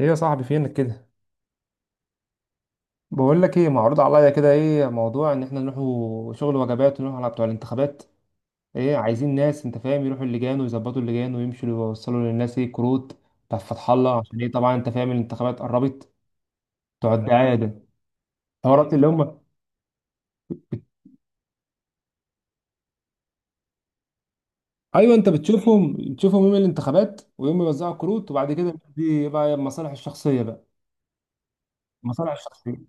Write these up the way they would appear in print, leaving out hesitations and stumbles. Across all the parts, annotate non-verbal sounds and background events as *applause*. ايه يا صاحبي فينك كده. بقول لك ايه، معروض عليا كده ايه موضوع ان احنا نروحوا شغل وجبات ونروح على بتوع الانتخابات. ايه عايزين ناس انت فاهم يروحوا اللجان ويظبطوا اللجان ويمشوا يوصلوا للناس ايه كروت بتاع فتح الله، عشان ايه؟ طبعا انت فاهم الانتخابات قربت. بتوع الدعايه ده، الحوارات اللي هم. ايوه انت بتشوفهم يوم الانتخابات ويوم يوزعوا كروت، وبعد كده دي بقى المصالح الشخصيه بقى. المصالح الشخصيه.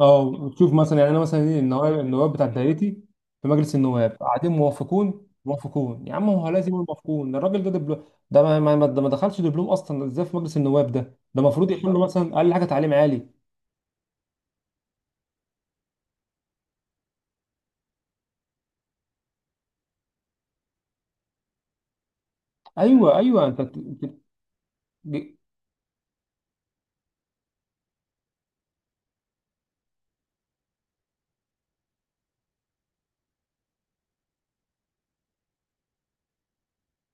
اه شوف مثلا، يعني انا مثلا ايه النواب بتاع دايرتي في مجلس النواب، قاعدين موافقون موافقون. يا عم هو لازم يقول موافقون، الراجل ده دبلوم. ده ما دخلش دبلوم اصلا، ازاي في مجلس النواب ده؟ ده المفروض يحل مثلا اقل حاجه تعليم عالي. ايوه ايوه انت.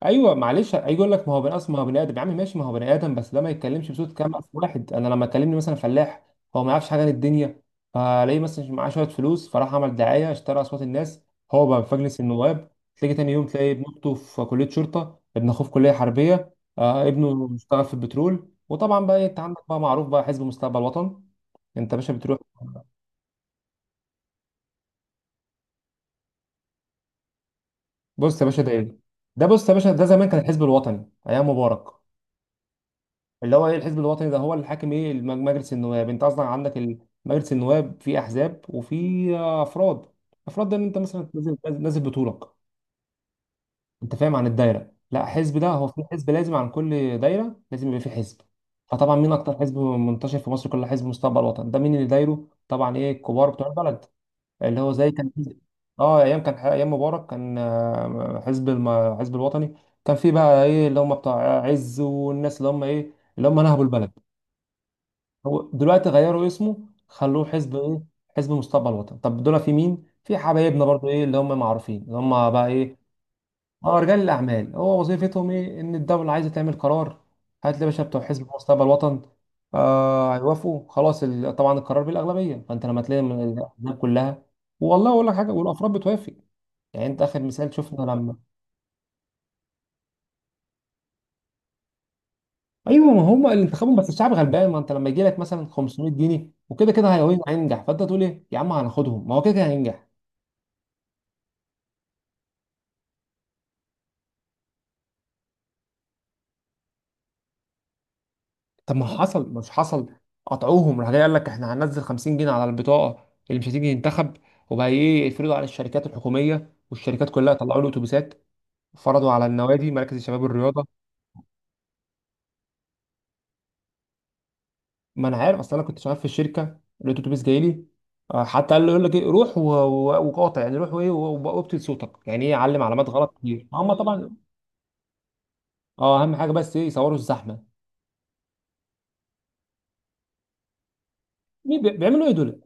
ايوه معلش، هيجي يقول لك ما هو بني ادم، ما هو بني ادم يا عم، ماشي ما هو بني ادم، بس ده ما يتكلمش بصوت كام الف واحد. انا لما كلمني مثلا فلاح، هو ما يعرفش حاجه عن الدنيا، فلاقيه مثلا معاه شويه فلوس فراح عمل دعايه، اشترى اصوات الناس، هو بقى في مجلس النواب. تلاقي تاني يوم، تلاقي ابن اخته في كليه شرطه، ابن اخوه في كليه حربيه، ابنه اشتغل في البترول، وطبعا بقى انت عندك بقى معروف بقى حزب مستقبل وطن. انت يا باشا بتروح. بص يا باشا ده ايه، ده بص يا باشا، ده زمان كان الحزب الوطني ايام مبارك. اللي هو ايه الحزب الوطني ده، هو اللي حاكم ايه مجلس النواب. انت اصلا عندك مجلس النواب في احزاب وفي افراد. افراد ده ان انت مثلا نازل نازل بطولك، انت فاهم، عن الدايره. لا حزب، ده هو في حزب لازم عن كل دايره لازم يبقى في حزب. فطبعا مين اكتر حزب منتشر في مصر كلها؟ حزب مستقبل وطن. ده مين اللي دايره؟ طبعا ايه الكبار بتوع البلد، اللي هو زي كان. اه ايام كان ايام مبارك كان حزب حزب الوطني. كان في بقى ايه اللي هم بتوع عز والناس اللي هم ايه، اللي هم نهبوا البلد. هو دلوقتي غيروا اسمه خلوه حزب ايه، حزب مستقبل الوطن. طب دول في مين؟ في حبايبنا برضو ايه اللي هم معروفين اللي هم بقى ايه. اه رجال الاعمال. هو وظيفتهم ايه؟ ان الدوله عايزه تعمل قرار، هات لي يا باشا بتوع حزب مستقبل الوطن، هيوافقوا خلاص طبعا القرار بالاغلبيه. فانت لما تلاقي من الاحزاب كلها، والله اقول لك حاجه، والافراد بتوافق. يعني انت اخر مثال شفنا لما. ايوه، ما هم اللي انتخبهم، بس الشعب غلبان. ما انت لما يجي لك مثلا 500 جنيه وكده كده هينجح، فانت تقول ايه يا عم هناخدهم، ما هو كده كده هينجح. طب ما حصل مش حصل، قطعوهم راح جاي قال لك احنا هننزل 50 جنيه على البطاقه اللي مش هتيجي ينتخب. وبقى ايه يفرضوا على الشركات الحكوميه، والشركات كلها طلعوا له اتوبيسات، فرضوا على النوادي مراكز الشباب والرياضه. ما انا عارف، اصل انا كنت شغال في الشركه لقيت اتوبيس جاي لي. حتى قال له، يقول لك ايه روح وقاطع، يعني روح وايه وابتل صوتك، يعني ايه، علم علامات غلط كتير هم طبعا. اه اهم حاجه بس ايه يصوروا الزحمه. مين بيعملوا ايه دول؟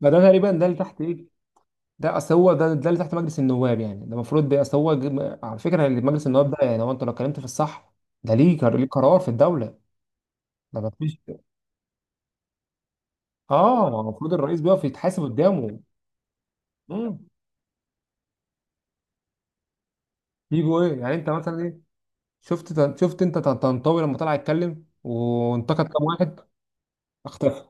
ما ده تقريبا ده اللي تحت ايه، ده اصل هو ده اللي تحت مجلس النواب، يعني ده المفروض اصل هو على فكره اللي في مجلس النواب ده، يعني هو انت لو اتكلمت في الصح، ده ليه ليه قرار في الدوله، ده ما فيش. اه ما هو المفروض الرئيس بيقف يتحاسب قدامه. امم. يجوا ايه يعني انت مثلا ايه، شفت شفت انت طنطاوي لما طلع يتكلم وانتقد كام واحد، اختفى.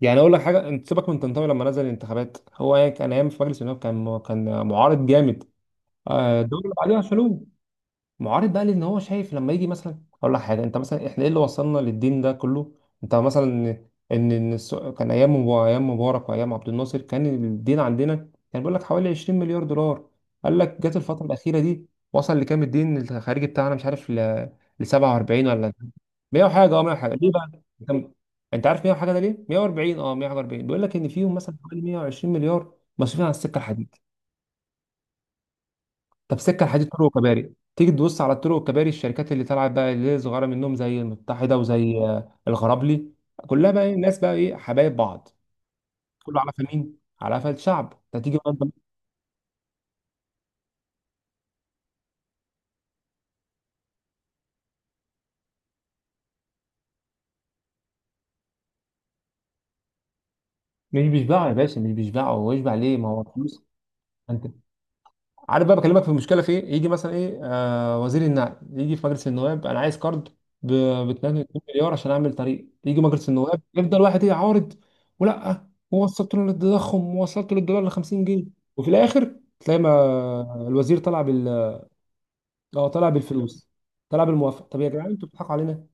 يعني اقول لك حاجه، انت سيبك من طنطاوي، لما نزل الانتخابات هو يعني كان ايام في مجلس النواب، كان معارض جامد. الدوله اللي بعديها شالوه. معارض بقى لان هو شايف، لما يجي مثلا اقول لك حاجه، انت مثلا احنا ايه اللي وصلنا للدين ده كله؟ انت مثلا ان كان ايام ايام مبارك وايام عبد الناصر، كان الدين عندنا كان بيقول لك حوالي 20 مليار دولار. قال لك جت الفتره الاخيره دي، وصل لكام الدين الخارجي بتاعنا؟ مش عارف ل 47 ولا 100 وحاجه. اه 100 وحاجه ليه بقى، انت انت عارف 100 وحاجه ده ليه؟ 140. اه 140 بيقول لك ان فيهم مثلا حوالي 120 مليار مصروفين على السكه. طب سكه حديد، طرق وكباري، تيجي تبص على الطرق والكباري الشركات اللي طلعت بقى، اللي هي صغيره منهم زي المتحده وزي الغرابلي، كلها بقى ايه الناس بقى ايه حبايب بعض، كله على قفا مين، على قفا الشعب. انت تيجي بقى انت. مش بيشبعوا يا باشا، مش بيشبعوا، هو يشبع ليه؟ ما هو فلوس. انت عارف بقى، بكلمك في المشكله في ايه، يجي مثلا ايه وزير النقل يجي في مجلس النواب: انا عايز كارد ب 2 مليار عشان اعمل طريق. يجي مجلس النواب يفضل واحد ايه عارض، ولا ووصلت له للتضخم ووصلت له الدولار ل 50 جنيه، وفي الاخر تلاقي ما الوزير طلع بال، اه طلع بالفلوس، طلع بالموافقه. طب يا جدعان انتوا بتضحكوا علينا.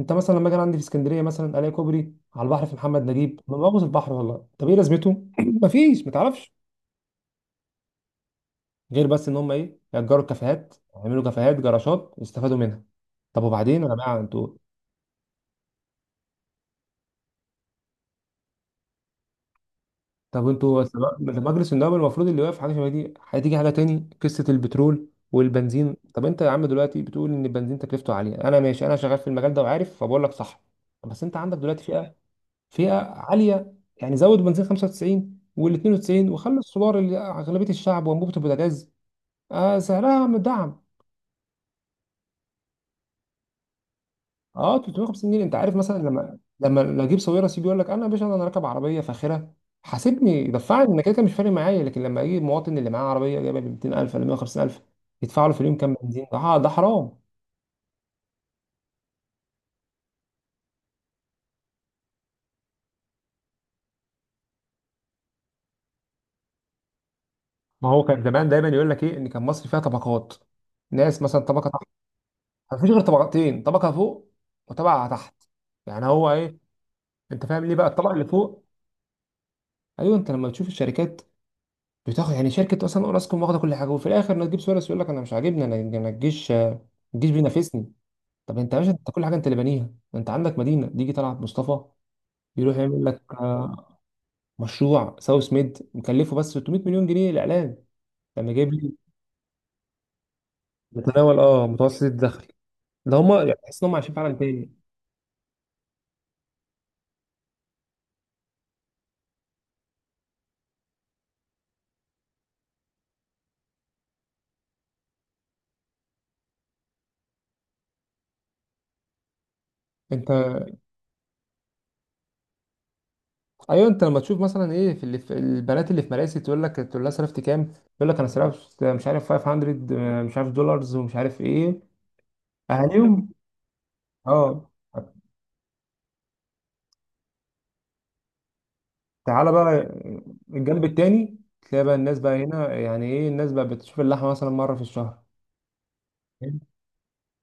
انت مثلا لما كان عندي في اسكندريه، مثلا الاقي كوبري على البحر في محمد نجيب، انا بغوص البحر والله، طب ايه لازمته؟ *clears throat* مفيش، ما تعرفش، غير بس ان هم ايه يأجروا الكافيهات، يعملوا كافيهات جراشات يستفادوا منها. طب وبعدين يا جماعه انتوا، طب انتوا مجلس النواب المفروض اللي واقف حاجه شبه دي. هتيجي حاجه تاني، قصه البترول والبنزين. طب انت يا عم دلوقتي بتقول ان البنزين تكلفته عاليه، انا ماشي، انا شغال في المجال ده وعارف، فبقول لك صح. بس انت عندك دلوقتي فئه، فئه عاليه، يعني زود بنزين 95 وال 92، وخلي السولار اللي اغلبيه الشعب، وانبوبه البوتاجاز سعرها مدعم. اه 350 جنيه. انت عارف مثلا لما لو اجيب سويرة سي، بيقول لك انا يا باشا انا راكب عربيه فاخره، حاسبني دفعني انا، كده كده مش فارق معايا. لكن لما اجي المواطن اللي معاه عربيه جايبه ب 200,000 ولا 150,000، يدفع له في اليوم كام بنزين؟ ده ده حرام. ما هو كان زمان دايما يقول لك ايه ان كان مصر فيها طبقات، ناس مثلا طبقه تحت. ما فيش غير طبقتين، طبقه فوق وطبقه تحت. يعني هو ايه، انت فاهم ليه بقى الطبقه اللي فوق؟ ايوه انت لما تشوف الشركات بتاخد، يعني شركة أصلا أوراسكوم واخدة كل حاجة، وفي الآخر نجيب سواريز يقول لك أنا مش عاجبني، أنا الجيش، الجيش بينافسني. طب أنت يا باشا أنت كل حاجة أنت اللي بانيها. أنت عندك مدينة ديجي، طلعت مصطفى يروح يعمل لك مشروع ساوث ميد، مكلفه بس 600 مليون جنيه الإعلان، لما جايب لي متناول، أه متوسط الدخل. ده هما يعني تحس إن هما عايشين في عالم تاني. أنت، أيوه أنت لما تشوف مثلا إيه في، اللي في البنات اللي في مراسي، تقول لك، تقول لها صرفت كام، تقول لك أنا صرفت مش عارف 500 مش عارف دولارز ومش عارف إيه. أهاليهم. أه تعالى بقى الجنب التاني، تلاقي بقى الناس بقى هنا يعني ايه، الناس بقى بتشوف اللحمه مثلا مره في الشهر.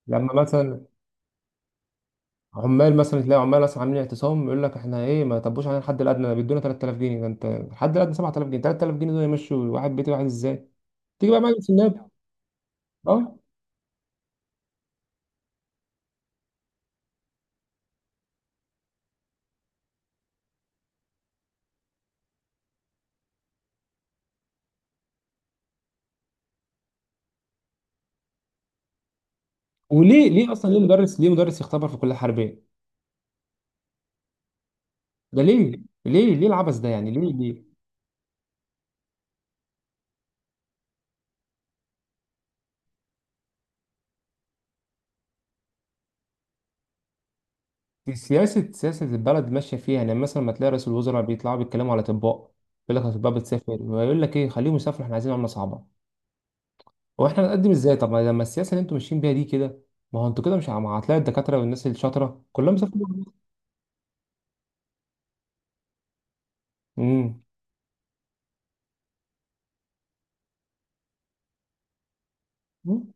لما مثلا عمال، مثلا تلاقي عمال مثلا عاملين اعتصام، يقول لك احنا ايه ما طبوش علينا الحد الادنى، بيدونا 3,000 جنيه، ده انت الحد الادنى 7,000 جنيه، 3,000 جنيه دول يمشوا واحد بيت واحد ازاي؟ تيجي بقى مجلس النواب. اه وليه، ليه اصلا ليه مدرس، ليه مدرس يختبر في كليه حربيه؟ ده ليه؟ ليه ليه العبث ده؟ يعني ليه ليه؟ سياسة، سياسة البلد ماشية فيها، يعني مثلا ما تلاقي رئيس الوزراء بيطلعوا بيتكلموا على أطباء، يقول لك الأطباء بتسافر، ويقول لك إيه خليهم يسافروا، إحنا عايزين عملة صعبة. هو إحنا هنقدم إزاي طب ما لما السياسة اللي أنتوا ماشيين بيها دي كده، ما هو أنتوا كده مش هتلاقي الدكاترة والناس الشاطرة كلهم مسافرين. امم.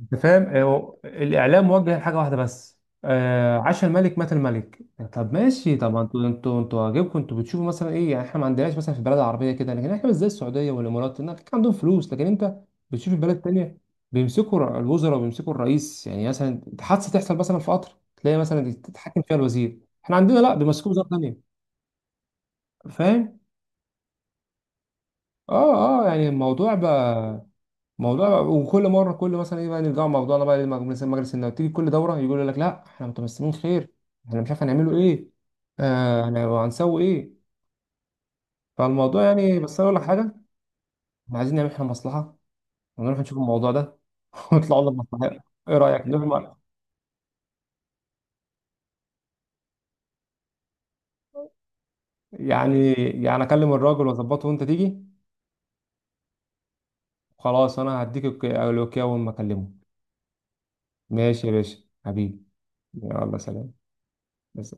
انت فاهم، هو الاعلام موجه لحاجه واحده بس، آه عاش الملك مات الملك. طب ماشي، طب ما انتوا واجبكم انتوا بتشوفوا مثلا ايه، يعني احنا ما عندناش مثلا في البلاد العربيه كده، لكن احنا مش زي السعوديه والامارات، هناك عندهم فلوس، لكن انت بتشوف البلد تانية، بيمسكوا الوزراء وبيمسكوا الرئيس، يعني مثلا حادثه تحصل مثلا في قطر، تلاقي مثلا تتحكم فيها الوزير. احنا عندنا لا بيمسكوا وزاره تانية، فاهم. اه اه يعني الموضوع بقى موضوع، وكل مره كل مثلا ايه بقى، نرجع موضوعنا بقى لمجلس النواب، تيجي كل دوره يقول لك لا احنا متمسكين خير، احنا مش عارف هنعمله ايه، آه هن- هنسوي ايه. فالموضوع يعني، بس انا اقول لك حاجه، احنا عايزين نعمل احنا مصلحه، ونروح نشوف الموضوع ده. *laughs* ونطلع لنا مصلحه، ايه رايك؟ *laughs* نروح يعني، يعني اكلم الراجل واظبطه وانت تيجي. خلاص انا هديك الاوكي اول ما اكلمه. ماشي يا باشا حبيبي. يلا سلام. بس.